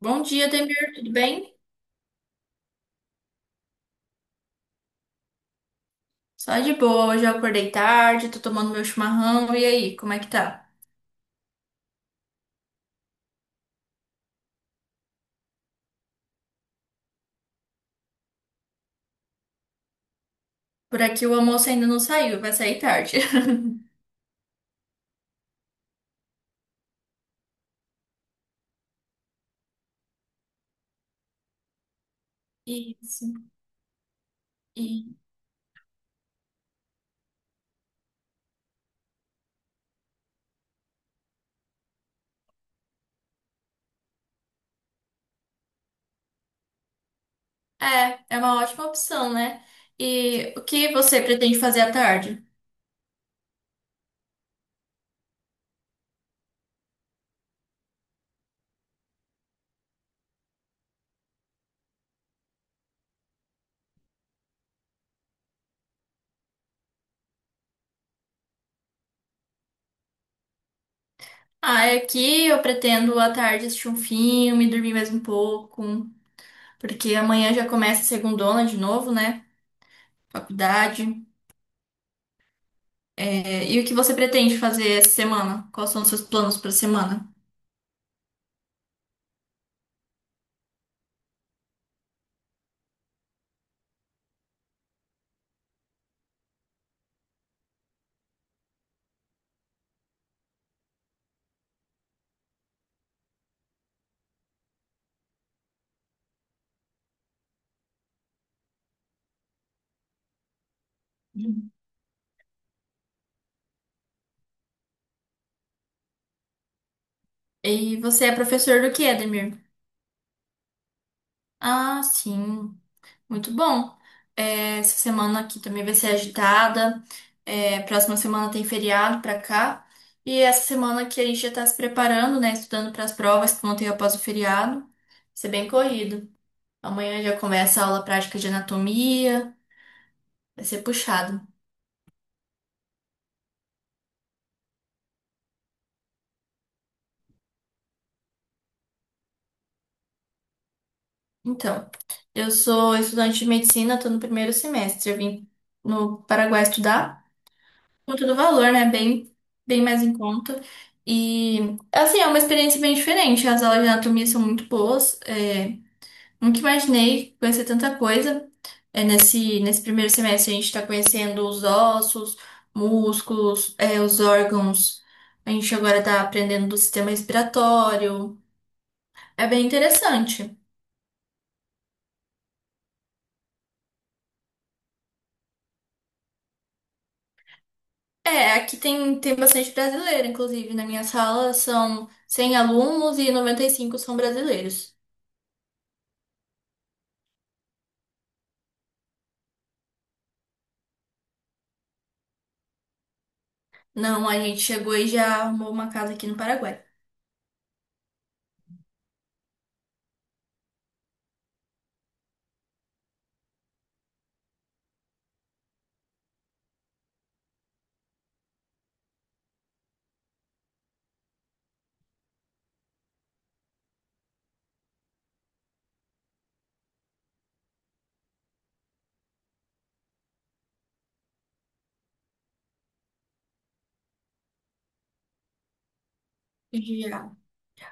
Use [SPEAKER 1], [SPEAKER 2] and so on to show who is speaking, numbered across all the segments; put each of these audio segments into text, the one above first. [SPEAKER 1] Bom dia, Demir, tudo bem? Só de boa, hoje eu acordei tarde, tô tomando meu chimarrão, e aí, como é que tá? Por aqui o almoço ainda não saiu, vai sair tarde. Isso. E é uma ótima opção, né? E o que você pretende fazer à tarde? Ah, é aqui eu pretendo à tarde assistir um filme, dormir mais um pouco, porque amanhã já começa a segundona de novo, né? Faculdade. É, e o que você pretende fazer essa semana? Quais são os seus planos para a semana? E você é professor do que, Edmir? Ah, sim, muito bom. É, essa semana aqui também vai ser agitada. É, próxima semana tem feriado pra cá. E essa semana aqui a gente já tá se preparando, né? Estudando para as provas que vão ter após o feriado. Vai ser bem corrido. Amanhã já começa a aula prática de anatomia. Vai ser puxado. Então, eu sou estudante de medicina, tô no primeiro semestre. Eu vim no Paraguai estudar. Conta do valor, né? Bem, bem mais em conta. E, assim, é uma experiência bem diferente. As aulas de anatomia são muito boas. Nunca imaginei conhecer tanta coisa. É, nesse primeiro semestre, a gente está conhecendo os ossos, músculos, os órgãos. A gente agora está aprendendo do sistema respiratório. É bem interessante. É, aqui tem, tem bastante brasileiro, inclusive. Na minha sala são 100 alunos e 95 são brasileiros. Não, a gente chegou e já arrumou uma casa aqui no Paraguai. Já.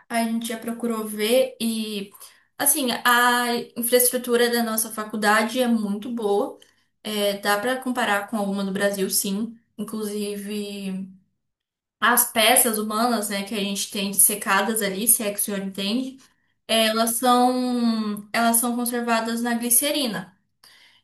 [SPEAKER 1] A gente já procurou ver e, assim, a infraestrutura da nossa faculdade é muito boa. É, dá para comparar com alguma do Brasil, sim. Inclusive, as peças humanas, né, que a gente tem dissecadas ali, se é que o senhor entende, elas são conservadas na glicerina.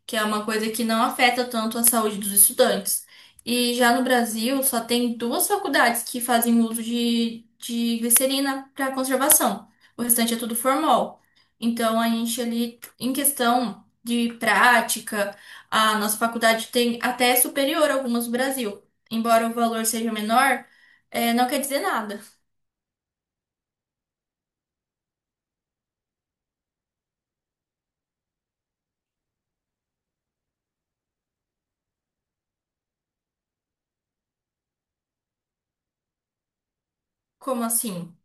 [SPEAKER 1] Que é uma coisa que não afeta tanto a saúde dos estudantes. E já no Brasil, só tem duas faculdades que fazem uso de glicerina para conservação. O restante é tudo formol. Então, a gente ali, em questão de prática, a nossa faculdade tem até superior a algumas do Brasil. Embora o valor seja menor, não quer dizer nada. Como assim?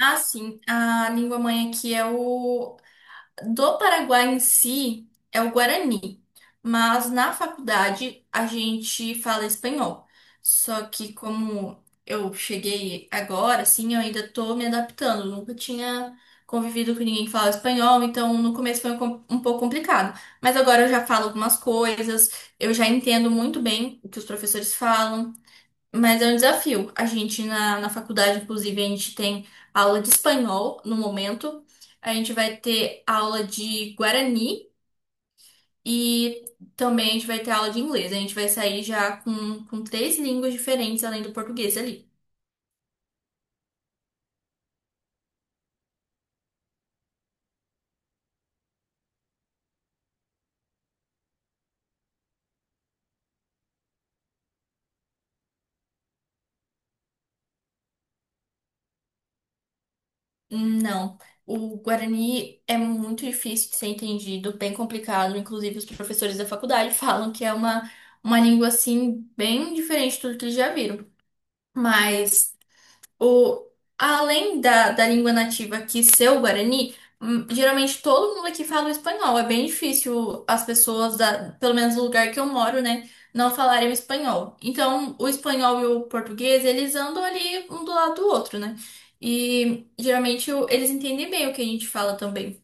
[SPEAKER 1] Ah, sim, a língua mãe aqui é o do Paraguai em si é o Guarani, mas na faculdade a gente fala espanhol. Só que como eu cheguei agora, assim, eu ainda tô me adaptando. Nunca tinha convivido com ninguém que falava espanhol, então no começo foi um pouco complicado. Mas agora eu já falo algumas coisas, eu já entendo muito bem o que os professores falam. Mas é um desafio. A gente, na faculdade, inclusive, a gente tem aula de espanhol no momento. A gente vai ter aula de guarani e também a gente vai ter aula de inglês. A gente vai sair já com três línguas diferentes além do português ali. Não. O guarani é muito difícil de ser entendido, bem complicado. Inclusive, os professores da faculdade falam que é uma língua assim, bem diferente de tudo que eles já viram. Mas. O, além da língua nativa que ser o Guarani, geralmente todo mundo aqui fala o espanhol. É bem difícil as pessoas, da, pelo menos no lugar que eu moro, né, não falarem o espanhol. Então, o espanhol e o português, eles andam ali um do lado do outro, né? E geralmente eles entendem bem o que a gente fala também.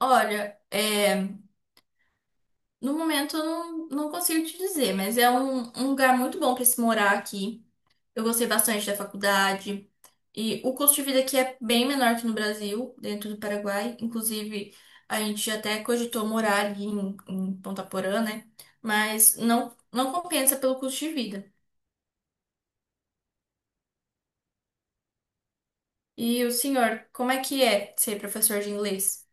[SPEAKER 1] Olha, é, no momento eu não consigo te dizer, mas é um lugar muito bom para se morar aqui. Eu gostei bastante da faculdade. E o custo de vida aqui é bem menor que no Brasil, dentro do Paraguai. Inclusive, a gente até cogitou morar ali em Ponta Porã, né? Mas não, não compensa pelo custo de vida. E o senhor, como é que é ser professor de inglês?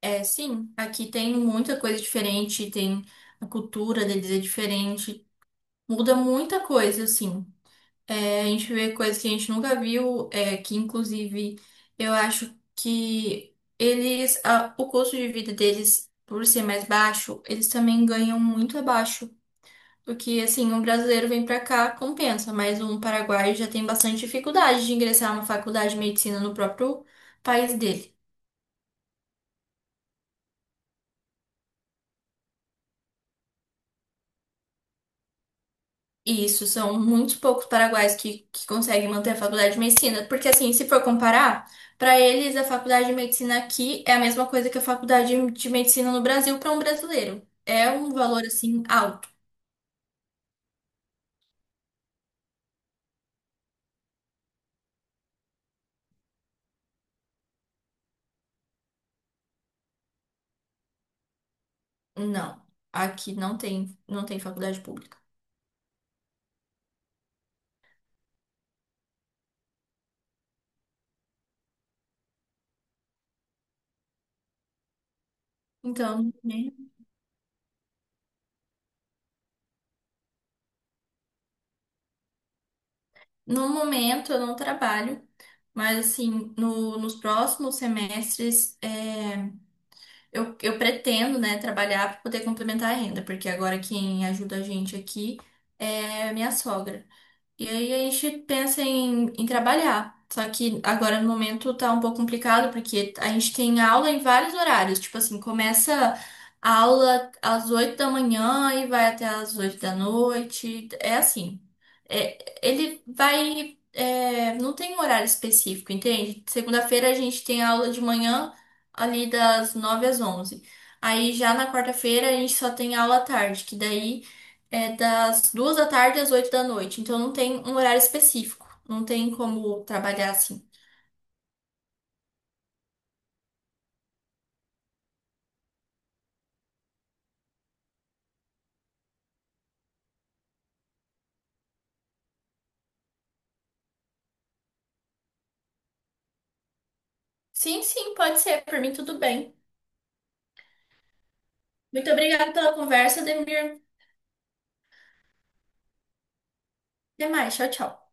[SPEAKER 1] É, sim, aqui tem muita coisa diferente, tem a cultura deles é diferente, muda muita coisa, assim. A gente vê coisas que a gente nunca viu, é, que inclusive eu acho que eles, o custo de vida deles, por ser mais baixo, eles também ganham muito abaixo. Porque assim, um brasileiro vem pra cá, compensa, mas um paraguaio já tem bastante dificuldade de ingressar numa faculdade de medicina no próprio país dele. Isso, são muito poucos paraguaios que conseguem manter a faculdade de medicina, porque assim, se for comparar, para eles a faculdade de medicina aqui é a mesma coisa que a faculdade de medicina no Brasil para um brasileiro. É um valor assim alto. Não, aqui não tem, não tem faculdade pública. Então, né, no momento eu não trabalho, mas assim, nos próximos semestres é, eu pretendo, né, trabalhar para poder complementar a renda, porque agora quem ajuda a gente aqui é a minha sogra. E aí a gente pensa em trabalhar. Só que agora no momento tá um pouco complicado, porque a gente tem aula em vários horários. Tipo assim, começa a aula às 8 da manhã e vai até às 8 da noite. É assim. É, ele vai. É, não tem um horário específico, entende? Segunda-feira a gente tem aula de manhã, ali das 9 às 11. Aí já na quarta-feira a gente só tem aula à tarde, que daí. É das 2 da tarde às 8 da noite, então não tem um horário específico, não tem como trabalhar assim. Sim, sim, pode ser, por mim tudo bem. Muito obrigada pela conversa, Demir. Até mais, tchau, tchau.